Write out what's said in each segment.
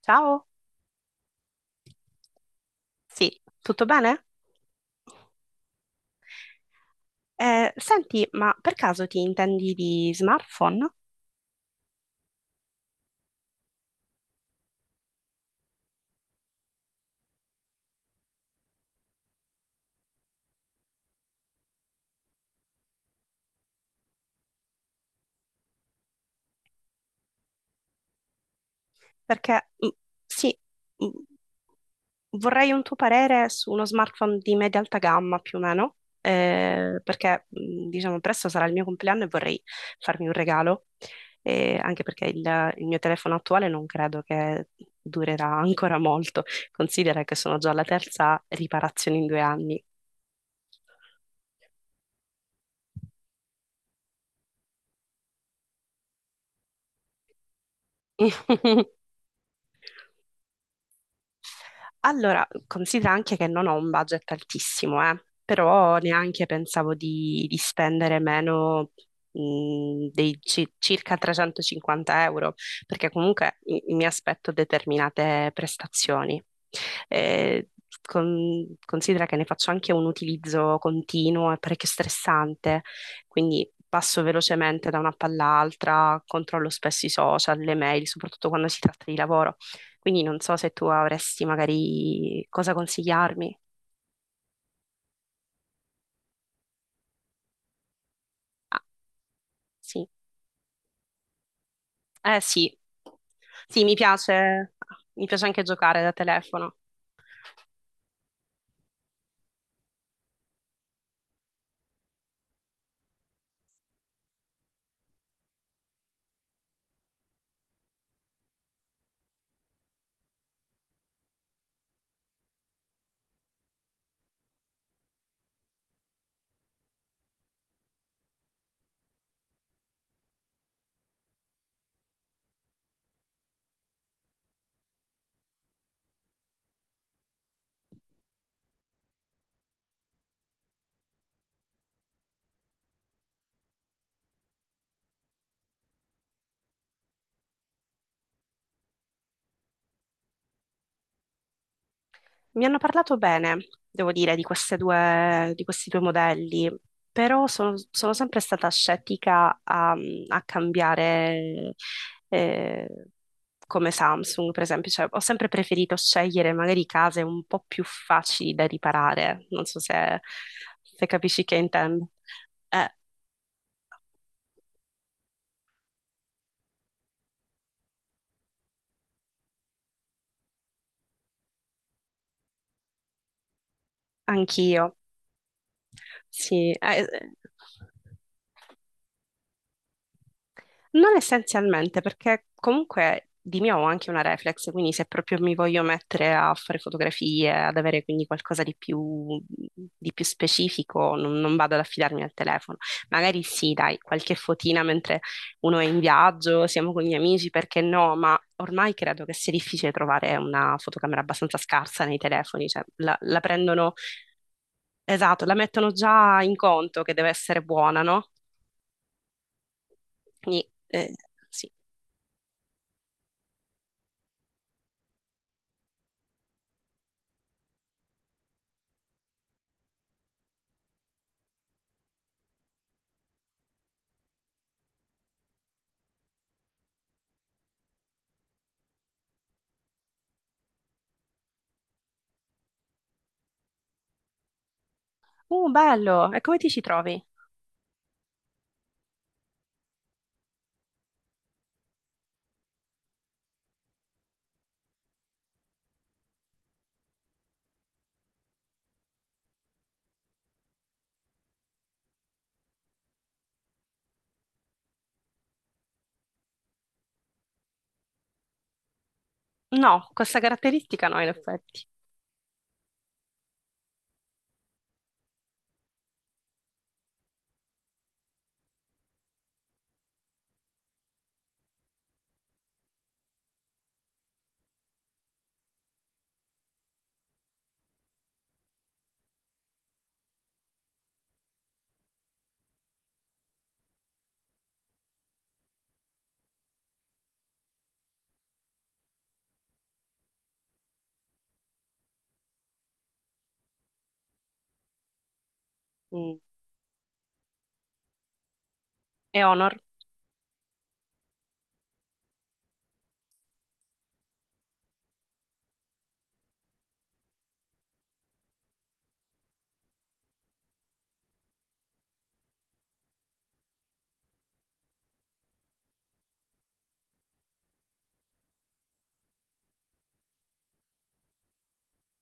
Ciao, sì, tutto bene? Senti, ma per caso ti intendi di smartphone? Perché sì, mm, vorrei un tuo parere su uno smartphone di media alta gamma più o meno, perché diciamo presto sarà il mio compleanno e vorrei farmi un regalo, anche perché il mio telefono attuale non credo che durerà ancora molto, considera che sono già alla terza riparazione in due anni. Allora, considera anche che non ho un budget altissimo, però neanche pensavo di spendere meno dei circa 350 euro, perché comunque mi aspetto determinate prestazioni. Eh, considera che ne faccio anche un utilizzo continuo e parecchio stressante, quindi passo velocemente da una palla all'altra, controllo spesso i social, le mail, soprattutto quando si tratta di lavoro. Quindi non so se tu avresti magari cosa consigliarmi. Ah, sì. Eh sì. Sì, mi piace. Mi piace anche giocare da telefono. Mi hanno parlato bene, devo dire, di queste due, di questi due modelli, però sono sempre stata scettica a, a cambiare eh, come Samsung, per esempio. Cioè, ho sempre preferito scegliere magari case un po' più facili da riparare. Non so se, se capisci che intendo. Eh, anch'io, sì. Non essenzialmente, perché comunque di mio ho anche una reflex, quindi se proprio mi voglio mettere a fare fotografie, ad avere quindi qualcosa di più specifico, non, non vado ad affidarmi al telefono. Magari sì, dai, qualche fotina mentre uno è in viaggio, siamo con gli amici, perché no? Ma ormai credo che sia difficile trovare una fotocamera abbastanza scarsa nei telefoni, cioè la prendono, esatto, la mettono già in conto che deve essere buona, no? Quindi, sì. Bello! E come ti ci trovi? No, questa caratteristica no, in effetti. Mm. E Honor?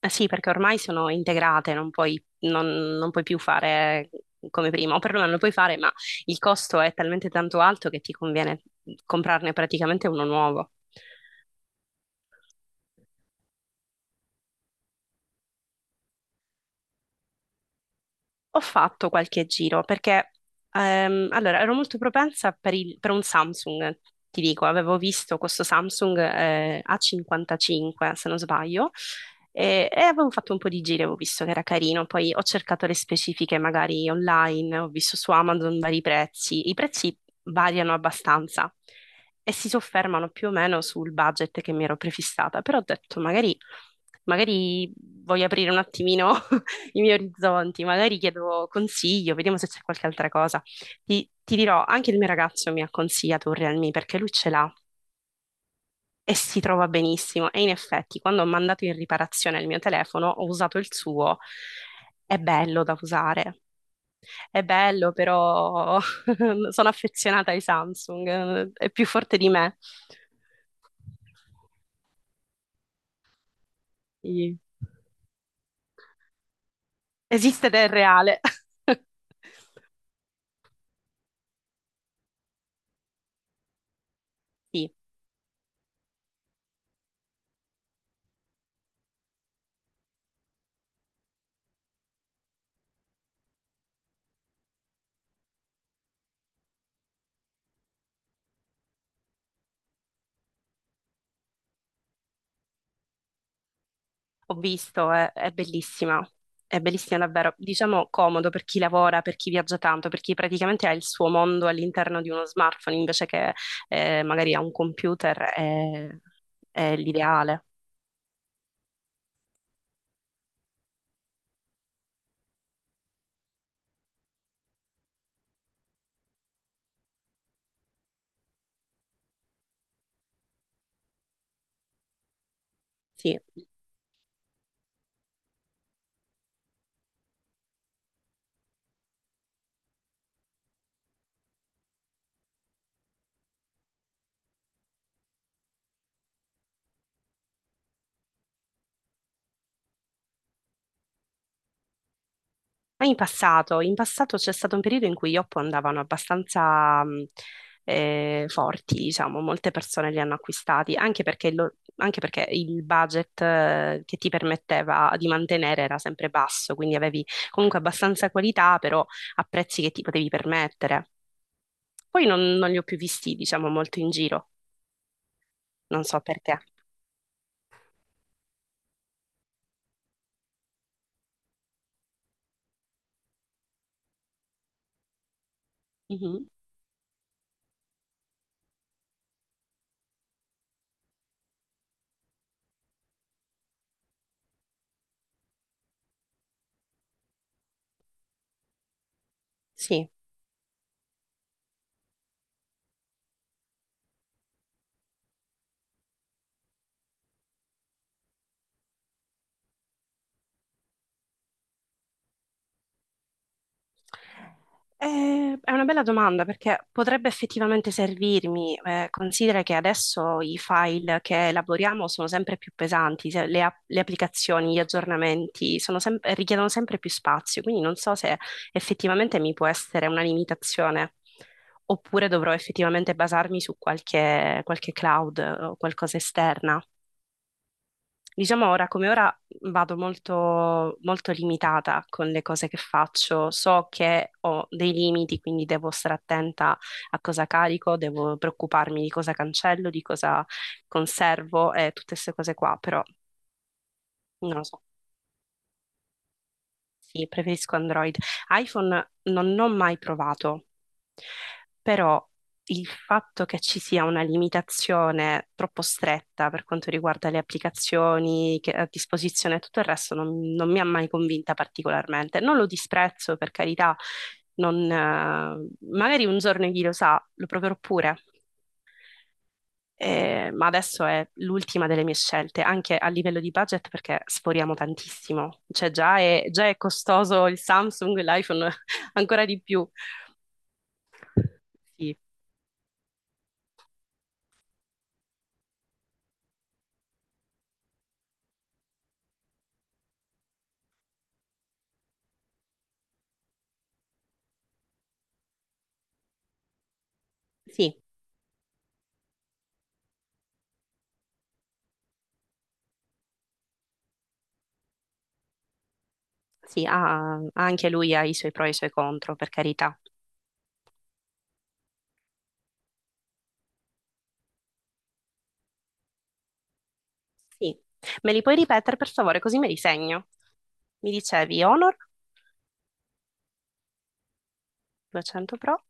Eh sì, perché ormai sono integrate, non puoi, non, non puoi più fare come prima, o perlomeno lo puoi fare, ma il costo è talmente tanto alto che ti conviene comprarne praticamente uno nuovo. Ho fatto qualche giro perché allora ero molto propensa per, per un Samsung, ti dico, avevo visto questo Samsung A55 se non sbaglio e avevo fatto un po' di giri, avevo visto che era carino, poi ho cercato le specifiche magari online, ho visto su Amazon vari prezzi, i prezzi variano abbastanza e si soffermano più o meno sul budget che mi ero prefissata, però ho detto magari magari voglio aprire un attimino i miei orizzonti, magari chiedo consiglio, vediamo se c'è qualche altra cosa. Ti dirò, anche il mio ragazzo mi ha consigliato un Realme perché lui ce l'ha e si trova benissimo. E in effetti, quando ho mandato in riparazione il mio telefono, ho usato il suo. È bello da usare, è bello, però sono affezionata ai Samsung, è più forte di me. Sì. Esiste del reale. Sì. Ho visto, è bellissima davvero. Diciamo comodo per chi lavora, per chi viaggia tanto, per chi praticamente ha il suo mondo all'interno di uno smartphone invece che magari ha un computer, è l'ideale. Sì. Ma in passato c'è stato un periodo in cui gli Oppo andavano abbastanza forti, diciamo, molte persone li hanno acquistati, anche perché, anche perché il budget che ti permetteva di mantenere era sempre basso, quindi avevi comunque abbastanza qualità, però a prezzi che ti potevi permettere. Poi non, non li ho più visti, diciamo, molto in giro, non so perché. Mhm. Sì. È una bella domanda perché potrebbe effettivamente servirmi. Considera che adesso i file che elaboriamo sono sempre più pesanti, le, le applicazioni, gli aggiornamenti sono richiedono sempre più spazio, quindi non so se effettivamente mi può essere una limitazione oppure dovrò effettivamente basarmi su qualche, qualche cloud o qualcosa esterna. Diciamo ora come ora vado molto, molto limitata con le cose che faccio, so che ho dei limiti, quindi devo stare attenta a cosa carico, devo preoccuparmi di cosa cancello, di cosa conservo e tutte queste cose qua, però non lo so. Sì, preferisco Android. iPhone non ho mai provato, però il fatto che ci sia una limitazione troppo stretta per quanto riguarda le applicazioni a disposizione e tutto il resto non, non mi ha mai convinta particolarmente. Non lo disprezzo, per carità, non, magari un giorno chi lo sa, lo proverò pure. Ma adesso è l'ultima delle mie scelte, anche a livello di budget perché sforiamo tantissimo, cioè già è costoso il Samsung, l'iPhone ancora di più. Sì, sì, sì, anche lui ha i suoi pro e i suoi contro, per carità. Sì. Me li puoi ripetere per favore, così me li segno. Mi dicevi Honor 200 Pro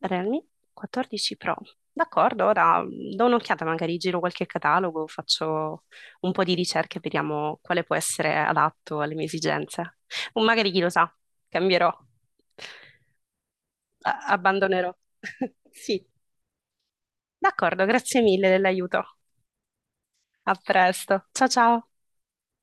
Realme 14 Pro. D'accordo, ora do un'occhiata, magari giro qualche catalogo, faccio un po' di ricerche, vediamo quale può essere adatto alle mie esigenze. O magari chi lo sa, cambierò, abbandonerò. Sì, d'accordo, grazie mille dell'aiuto. A presto. Ciao ciao.